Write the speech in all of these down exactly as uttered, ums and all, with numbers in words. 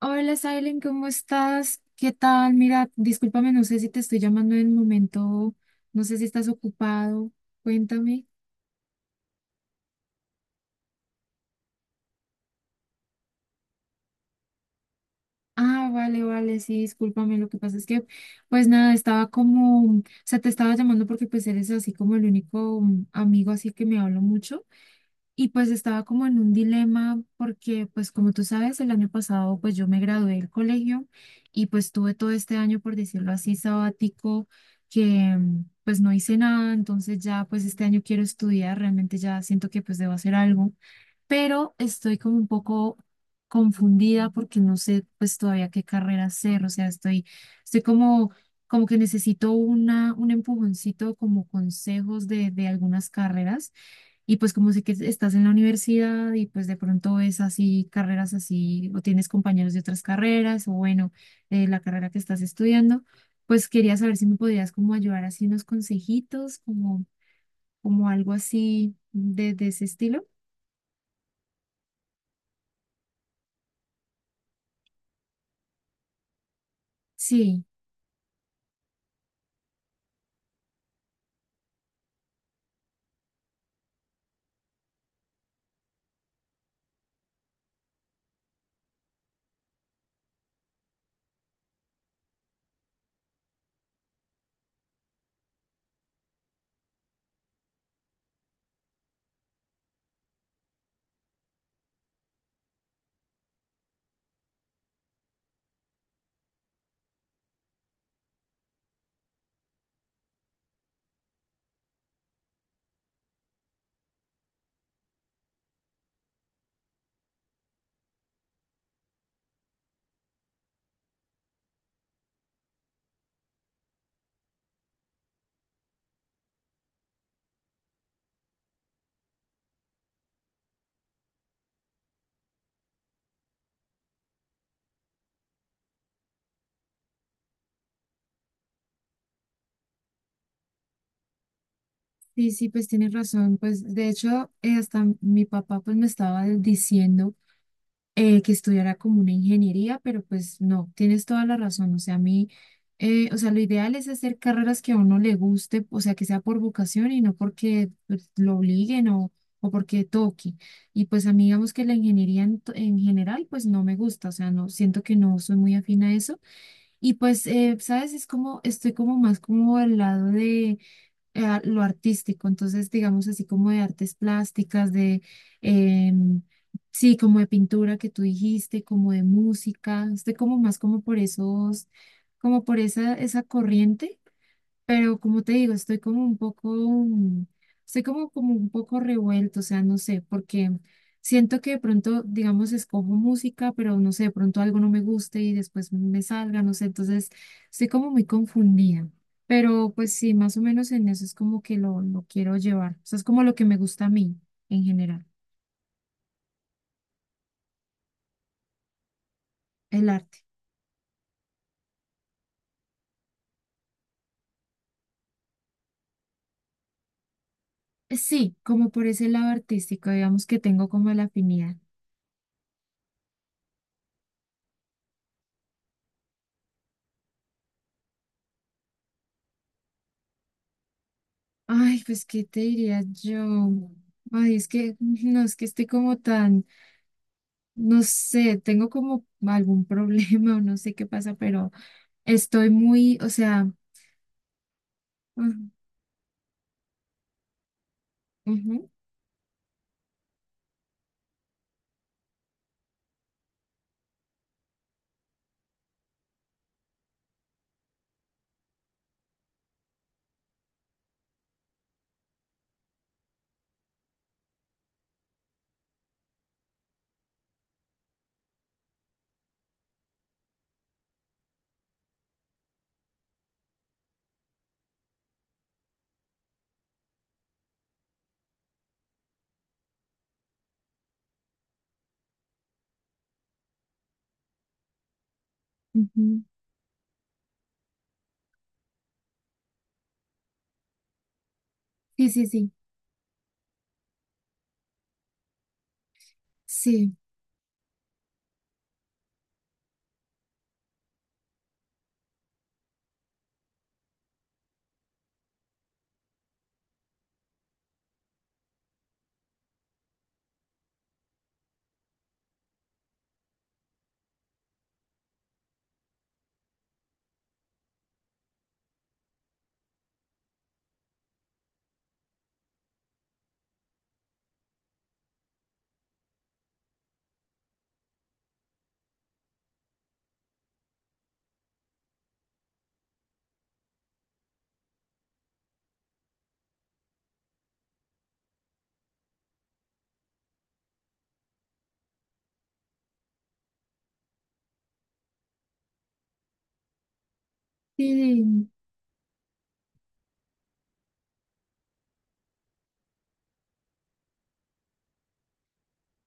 Hola, Silen, ¿cómo estás? ¿Qué tal? Mira, discúlpame, no sé si te estoy llamando en el momento, no sé si estás ocupado, cuéntame. Ah, vale, vale, sí, discúlpame, lo que pasa es que, pues nada, estaba como, o sea, te estaba llamando porque pues eres así como el único mm, amigo así que me habla mucho. Y pues estaba como en un dilema porque pues como tú sabes, el año pasado pues yo me gradué del colegio y pues tuve todo este año, por decirlo así, sabático, que mm, pues no hice nada, entonces ya pues este año quiero estudiar, realmente ya siento que pues debo hacer algo, pero estoy como un poco confundida porque no sé pues todavía qué carrera hacer, o sea, estoy, estoy como... como que necesito una, un empujoncito como consejos de, de algunas carreras y pues como sé que estás en la universidad y pues de pronto ves así carreras así o tienes compañeros de otras carreras o bueno, eh, la carrera que estás estudiando, pues quería saber si me podías como ayudar así unos consejitos, como, como algo así de, de ese estilo. Sí, sí, sí, pues tienes razón. Pues de hecho, eh, hasta mi papá pues me estaba diciendo, eh, que estudiara como una ingeniería, pero pues no, tienes toda la razón. O sea, a mí, eh, o sea, lo ideal es hacer carreras que a uno le guste, o sea, que sea por vocación y no porque pues, lo obliguen o, o porque toque. Y pues a mí, digamos que la ingeniería en, to- en general, pues no me gusta, o sea, no, siento que no soy muy afín a eso. Y pues, eh, ¿sabes? Es como, estoy como más como al lado eh, a lo artístico, entonces digamos así como de artes plásticas, de, em, sí, como de pintura que tú dijiste, como de música, estoy como más como por esos, como por esa, esa, corriente, pero como te digo, estoy como un poco, mm, estoy como, como un poco revuelto, o sea, no sé, porque siento que de pronto, digamos, escojo música, pero no sé, de pronto algo no me guste y después me salga, no sé, entonces estoy como muy confundida. Pero pues sí, más o menos en eso es como que lo, lo quiero llevar. O sea, es como lo que me gusta a mí en general, el arte. Eh, Sí, como por ese lado artístico, digamos que tengo como la afinidad. Ay, pues, ¿qué te diría yo? Ay, es que, no, es que estoy como tan, no sé, tengo como algún problema o no sé qué pasa, pero estoy muy, o sea, ujú, ujú, ujú. Sí, sí, sí, sí, sí.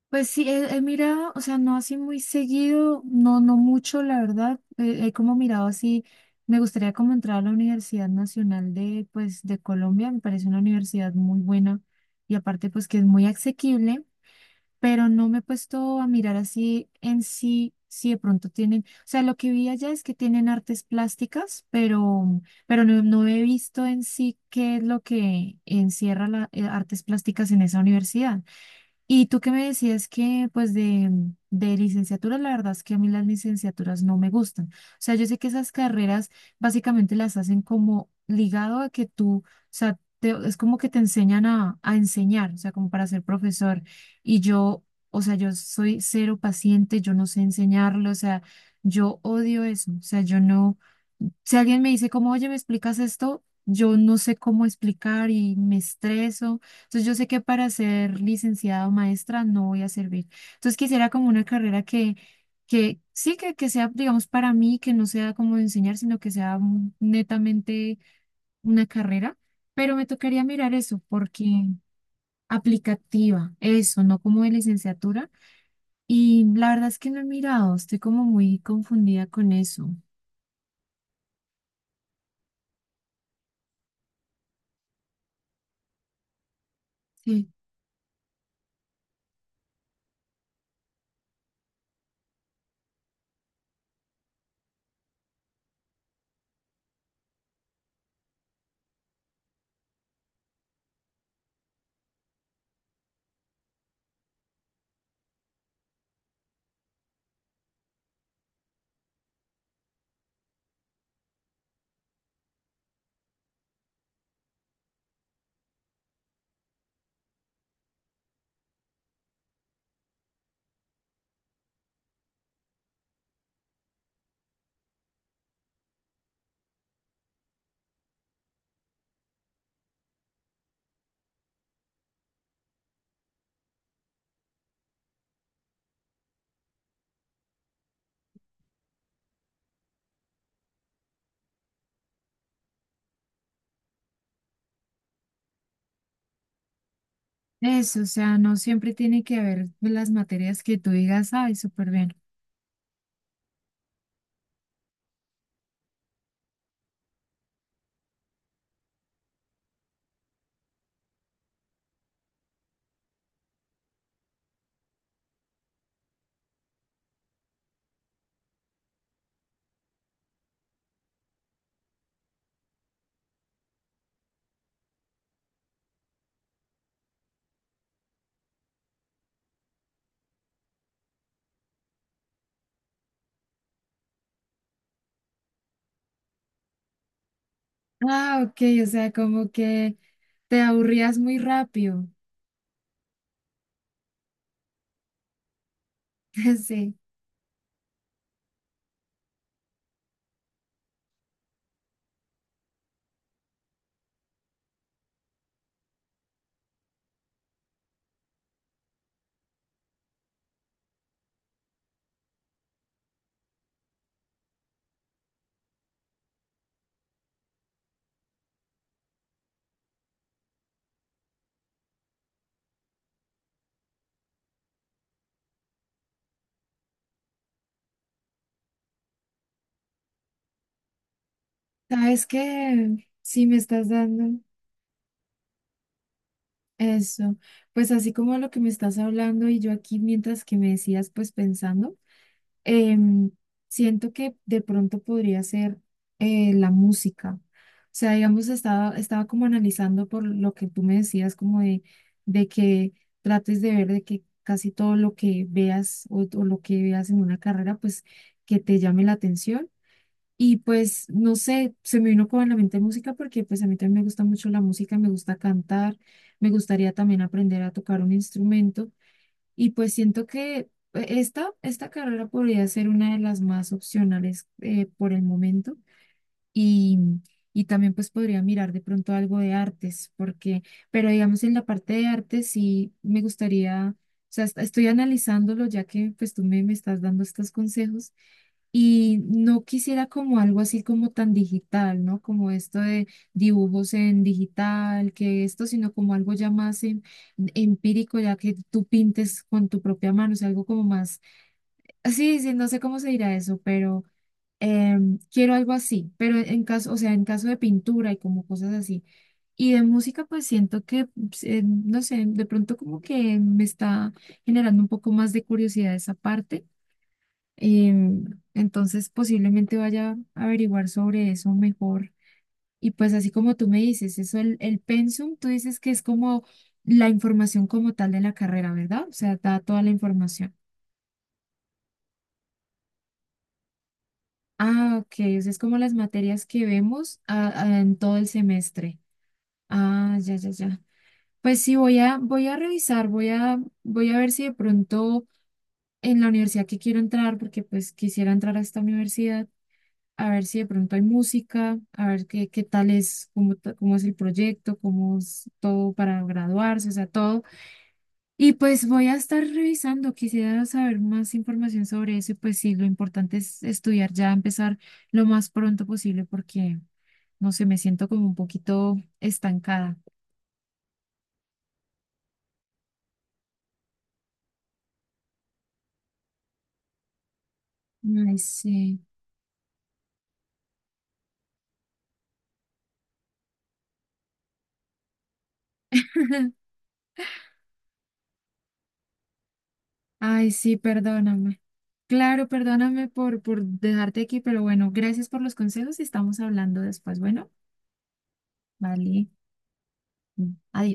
Pues sí, he, he mirado, o sea, no así muy seguido, no, no mucho, la verdad. eh, He, como mirado así, me gustaría como entrar a la Universidad Nacional de, pues, de Colombia, me parece una universidad muy buena y aparte, pues, que es muy asequible. Pero no me he puesto a mirar así en sí, si de pronto tienen, o sea, lo que vi allá es que tienen artes plásticas, pero, pero no, no he visto en sí qué es lo que encierra las artes plásticas en esa universidad. Y tú que me decías que, pues, de, de, licenciatura, la verdad es que a mí las licenciaturas no me gustan. O sea, yo sé que esas carreras básicamente las hacen como ligado a que tú, o sea, te- es como que te enseñan a, a enseñar, o sea, como para ser profesor. Y yo, o sea, yo soy cero paciente, yo no sé enseñarlo, o sea, yo odio eso, o sea, yo no. Si alguien me dice como, oye, ¿me explicas esto? Yo no sé cómo explicar y me estreso. Entonces yo sé que para ser licenciada o maestra no voy a servir. Entonces quisiera como una carrera que, que sí, que, que sea, digamos, para mí, que no sea como de enseñar, sino que sea un- netamente una carrera. Pero me tocaría mirar eso, porque aplicativa, eso, no como de licenciatura. Y la verdad es que no he mirado, estoy como muy confundida con eso. Sí. Eso, o sea, no siempre tiene que haber las materias que tú digas, ay, súper bien. Ah, ok, o sea, como que te aburrías muy rápido. Sí, ¿sabes qué? Sí, me estás dando eso. Pues así como lo que me estás hablando y yo aquí mientras que me decías, pues pensando. em, Siento que de pronto podría ser eh, la música. O sea, digamos, estaba, estaba como analizando por lo que tú me decías, como de, de, que trates de ver de que casi todo lo que veas o, o lo que veas en una carrera, pues que te llame la atención. Y pues, no sé, se me vino como a la mente música porque pues a mí también me gusta mucho la música, me gusta cantar, me gustaría también aprender a tocar un instrumento. Y pues siento que eh, esta, esta carrera podría ser una de las más opcionales eh, por el momento y, y, también pues podría mirar de pronto algo de artes, porque, pero digamos en la parte de artes sí me gustaría, o sea, est- estoy analizándolo ya que pues tú me, me estás dando estos consejos y no quisiera como algo así como tan digital, ¿no? Como esto de dibujos en digital, que esto, sino como algo ya más em- empírico, ya que tú pintes con tu propia mano, o sea, algo como más, sí, sí, no sé cómo se dirá eso, pero em, quiero algo así, pero en caso, o sea, en caso de pintura y como cosas así. Y de música, pues siento que, pues, eh, no sé, de pronto como que me está generando un poco más de curiosidad esa parte. Em, entonces posiblemente vaya a averiguar sobre eso mejor. Y pues así como tú me dices, eso el, el pensum, tú dices que es como la información como tal de la carrera, ¿verdad? O sea, da toda la información. Ah, ok, o sea, es como las materias que vemos ah, ah, en todo el semestre. Ah, ya, ya, ya. Pues sí, voy a, voy a revisar, voy a, voy a ver si de pronto en la universidad que quiero entrar, porque pues quisiera entrar a esta universidad a ver si de pronto hay música, a ver qué, qué tal es, cómo, ta- cómo es el proyecto, cómo es todo para graduarse, o sea, todo. Y pues voy a estar revisando, quisiera saber más información sobre eso y pues sí, lo importante es estudiar ya, empezar lo más pronto posible porque, no sé, me siento como un poquito estancada. Ay, sí. Ay, sí, perdóname. Claro, perdóname por, por dejarte aquí, pero bueno, gracias por los consejos y estamos hablando después. Bueno, vale. Adiós.